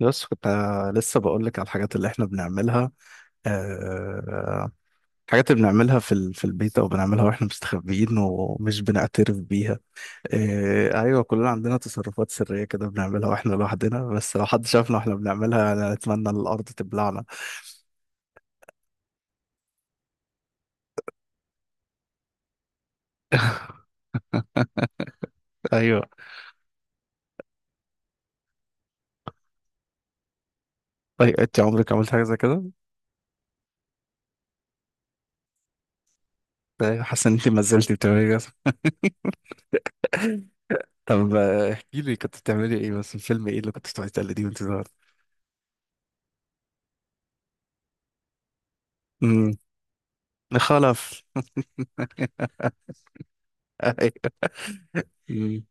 بس كنت لسه بقول لك على الحاجات اللي احنا بنعملها. آه، الحاجات اللي بنعملها في البيت او بنعملها واحنا مستخبيين ومش بنعترف بيها. آه، ايوه، كلنا عندنا تصرفات سرية كده بنعملها واحنا لوحدنا، بس لو حد شافنا واحنا بنعملها انا اتمنى ان الارض تبلعنا. ايوه. طيب، انت عمرك عملت حاجة زي كده؟ طيب، حاسس ان انت ما زلتي بتعملي كده؟ طب احكي لي كنت بتعملي ايه، بس الفيلم ايه اللي كنت بتقعدي تقلديه وانت صغير؟ امم. خلف. ايوه.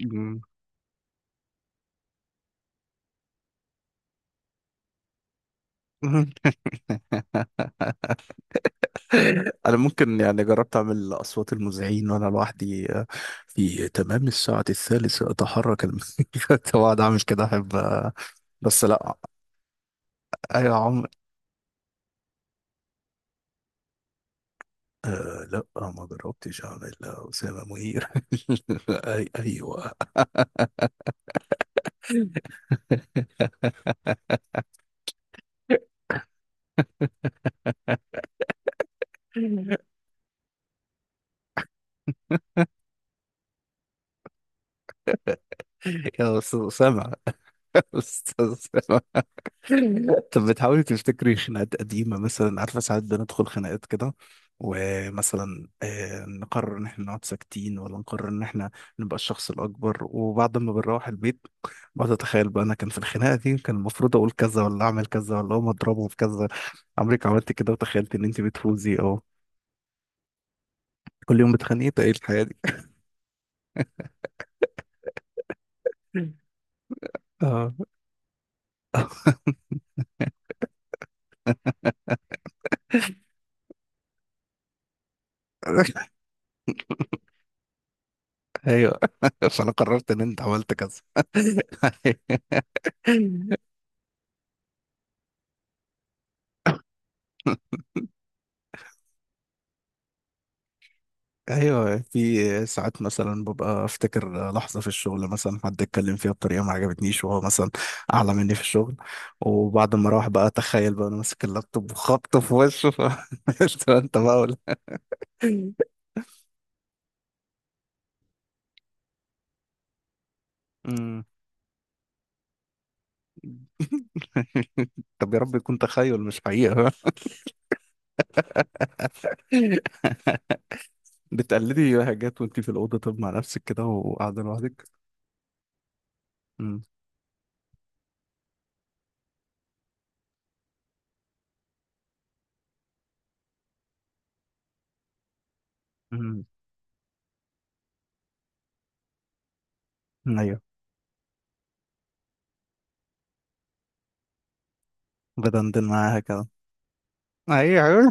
أمم. انا ممكن يعني جربت اعمل اصوات المذيعين وانا لوحدي، في تمام الساعه الثالثه اتحرك كنت بقعد اعمل كده، احب بس لا. اي عمر. آه لا، ما جربتش اعمل اسامه منير. أي ايوه. يا استاذ اسامه، يا استاذ سامع. طب بتحاولي تفتكري خناقات قديمة مثلا؟ عارفة، ساعات بندخل خناقات كده ومثلا نقرر ان احنا نقعد ساكتين ولا نقرر ان احنا نبقى الشخص الاكبر، وبعد ما بنروح البيت بقعد اتخيل بقى انا كان في الخناقة دي كان المفروض اقول كذا ولا اعمل كذا ولا اقوم اضربه في كذا. عمرك عملت كده وتخيلت ان انت بتفوزي او كل يوم بتخانقي؟ ده ايه الحياة دي؟ اه. ايوه، فانا قررت ان انت عملت كذا. ايوه، في ساعات مثلا ببقى افتكر لحظه في الشغل، مثلا حد اتكلم فيها بطريقه ما عجبتنيش، وهو مثلا اعلى مني في الشغل، وبعد ما اروح بقى اتخيل بقى انا ماسك اللابتوب وخبطه في وشه انت بقى ولا؟ مم. طب يا رب يكون تخيل مش حقيقه. بتقلدي حاجات وانت في الاوضه؟ طب مع نفسك كده وقاعده لوحدك؟ مم. مم. ايوه بدندن معاها كده. ايوه،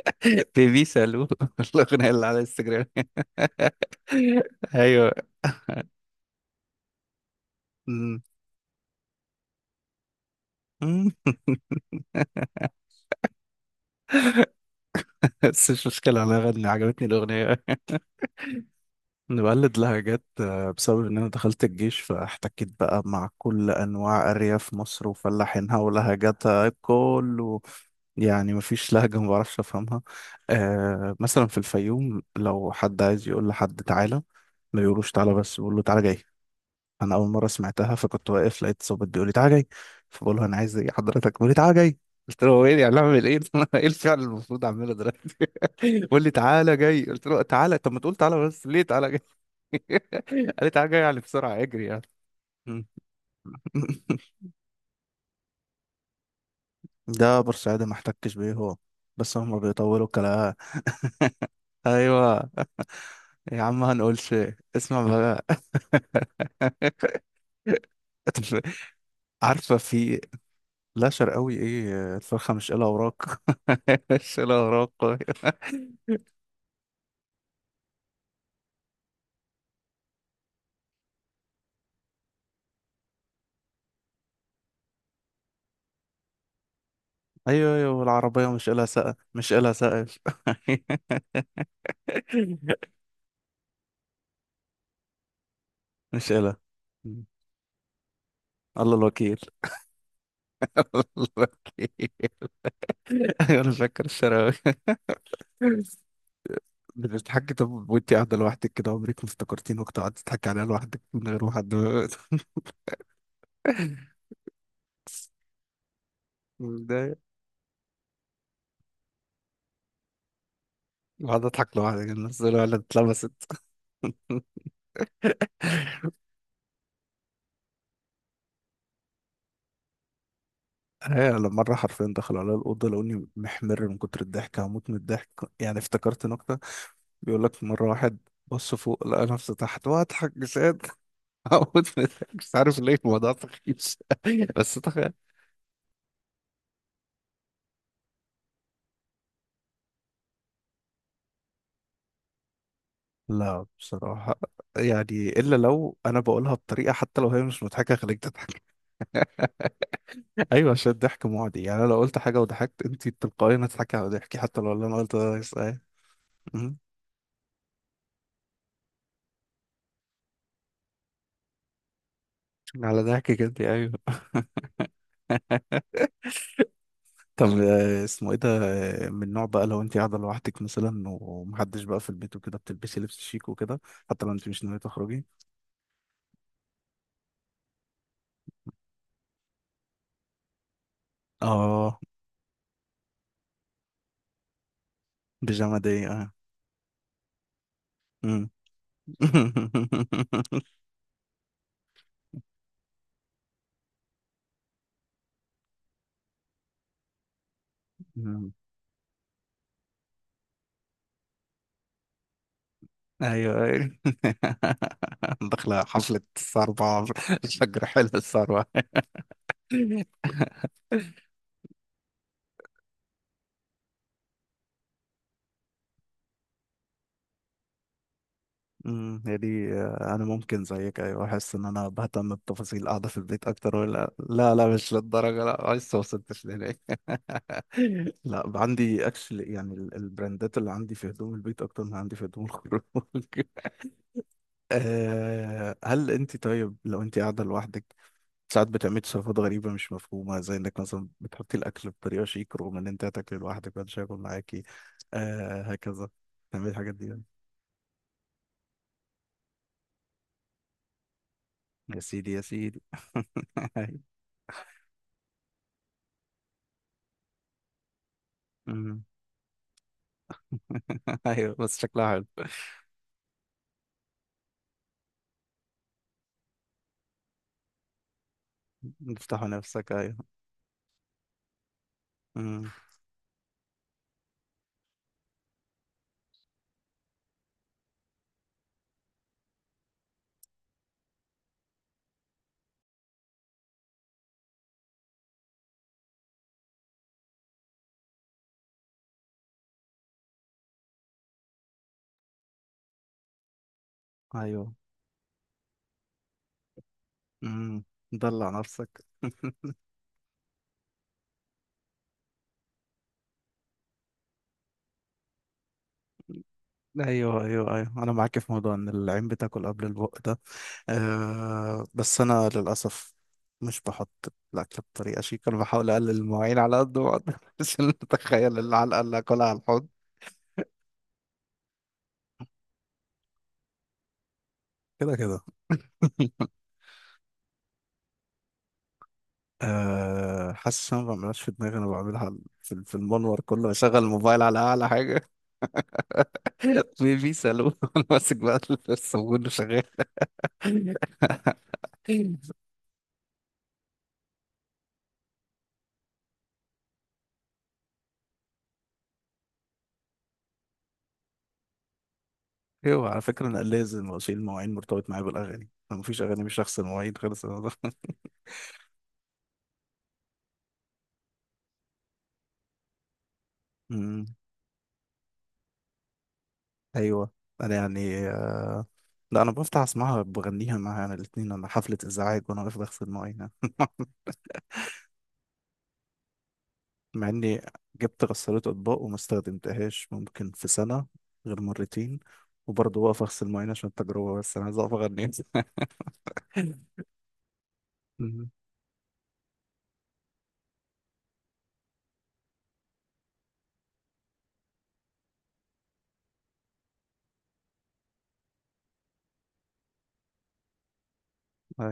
بيبي سالو، الاغنيه اللي على الانستجرام. ايوه. أمم. أمم. بس مش مشكلة، انا غني عجبتني الاغنية. انا بقلد لهجات بسبب ان انا دخلت الجيش فاحتكيت بقى مع كل انواع ارياف مصر وفلاحينها ولهجاتها كله. يعني مفيش لهجة ما بعرفش افهمها. آه مثلا في الفيوم لو حد عايز يقول لحد تعالى ما بيقولوش تعالى، بس بيقول له تعالى جاي. انا اول مره سمعتها فكنت واقف لقيت ظابط بيقول لي تعالى جاي، فبقول له انا عايز ايه حضرتك؟ بيقول لي تعالى جاي. قلت له هو ايه يعني اعمل ايه؟ ايه الفعل المفروض اعمله دلوقتي؟ بيقول لي تعالى جاي، قلت له تعالى طب ما تقول تعالى، بس ليه تعالى جاي؟ قال لي تعالى جاي يعني بسرعه اجري يعني. مم. ده بورسعيدي ما احتكش بيه هو، بس هم بيطولوا الكلام. ايوه. يا عم هنقولش. اسمع بقى. عارفه في... لا، شرقاوي ايه الفرخه مش قلها وراك. مش قلها وراك. ايوه ايوه، والعربية مش قالها سقف مش قالها سقف. مش قالها الله الوكيل. الله الوكيل. أيوة، انا فاكر الشراوي. بتضحكي طب وانت قاعدة لوحدك كده؟ عمرك ما افتكرتيني وقت قعدت تضحكي عليها لوحدك من غير ما حد؟ متضايق. قاعدة اضحك لوحدك الناس دول، ولا اتلبست؟ هي لما مرة حرفيا دخلوا على الأوضة لقوني محمر من كتر الضحك، هموت من الضحك، يعني افتكرت نكتة. بيقول لك مرة واحد بص فوق لقى نفسه تحت وأضحك جساد. أقعد مش عارف ليه الموضوع سخيف، بس تخيل. لا بصراحة، يعني إلا لو أنا بقولها بطريقة حتى لو هي مش مضحكة خليك تضحك. أيوة، عشان الضحك معدي. يعني أنا لو قلت حاجة وضحكت، أنت تلقائيا هتضحكي على ضحكي حتى لو اللي أنا قلته ده أيوة. أمم. على ضحكك أنت، أيوة. طب اسمه إيه ده؟ من نوع بقى لو أنت قاعدة لوحدك مثلا ومحدش بقى في البيت وكده بتلبسي لبس شيك وكده، حتى لو أنت مش ناوية تخرجي؟ آه، بيجامة دي أه. أمم. ايوه ايوه. داخله حفله الثروه، الفجر حلو الثروه. أمم، هي دي انا ممكن زيك ايوه، احس ان انا بهتم بتفاصيل قاعده في البيت اكتر، ولا لا لا مش للدرجه، لا لسه ما وصلتش لهناك. لا عندي اكشلي، يعني البراندات اللي عندي في هدوم البيت اكتر من عندي في هدوم الخروج. هل انت طيب لو انت قاعده لوحدك ساعات بتعملي تصرفات غريبة مش مفهومة، زي انك مثلا بتحطي الأكل بطريقة شيك رغم ان انت هتاكلي لوحدك محدش هياكل معاكي، آه هكذا، بتعملي الحاجات دي يعني؟ يا سيدي يا سيدي، أيوة. أمم. ايوه بس شكلها حلو. افتحوا نفسك، ايوه. أمم. ايوه. أمم. دلع نفسك. ايوه ايوه ايوه، انا معاك في موضوع ان العين بتاكل قبل البق ده. أه، بس أنا للأسف مش بحط الأكل بطريقة شيك، أنا بحاول أقلل المواعين على قد ما أقدر عشان أتخيل العلقة اللي هاكلها على الحوض. كده كده. أه، حاسس إن أنا ما بعملهاش في دماغي، أنا بعملها في المنور كله، بشغل الموبايل على أعلى حاجة. بيبي سالون. وأنا ماسك بقى الصابون وشغال. أيوه على فكرة، أنا لازم أشيل المواعين مرتبط معايا بالأغاني، أنا مفيش أغاني مش هغسل المواعين خالص أنا ده. أمم، أيوه. أنا يعني لا انا بفتح اسمعها بغنيها معاها، انا الاتنين، انا حفلة ازعاج وانا واقف بغسل مواعينها. مع اني جبت غسالة اطباق وما استخدمتهاش ممكن في سنة غير مرتين، وبرضه واقف اغسل مواعين عشان التجربة بس انا عايز اقف اغني. مم.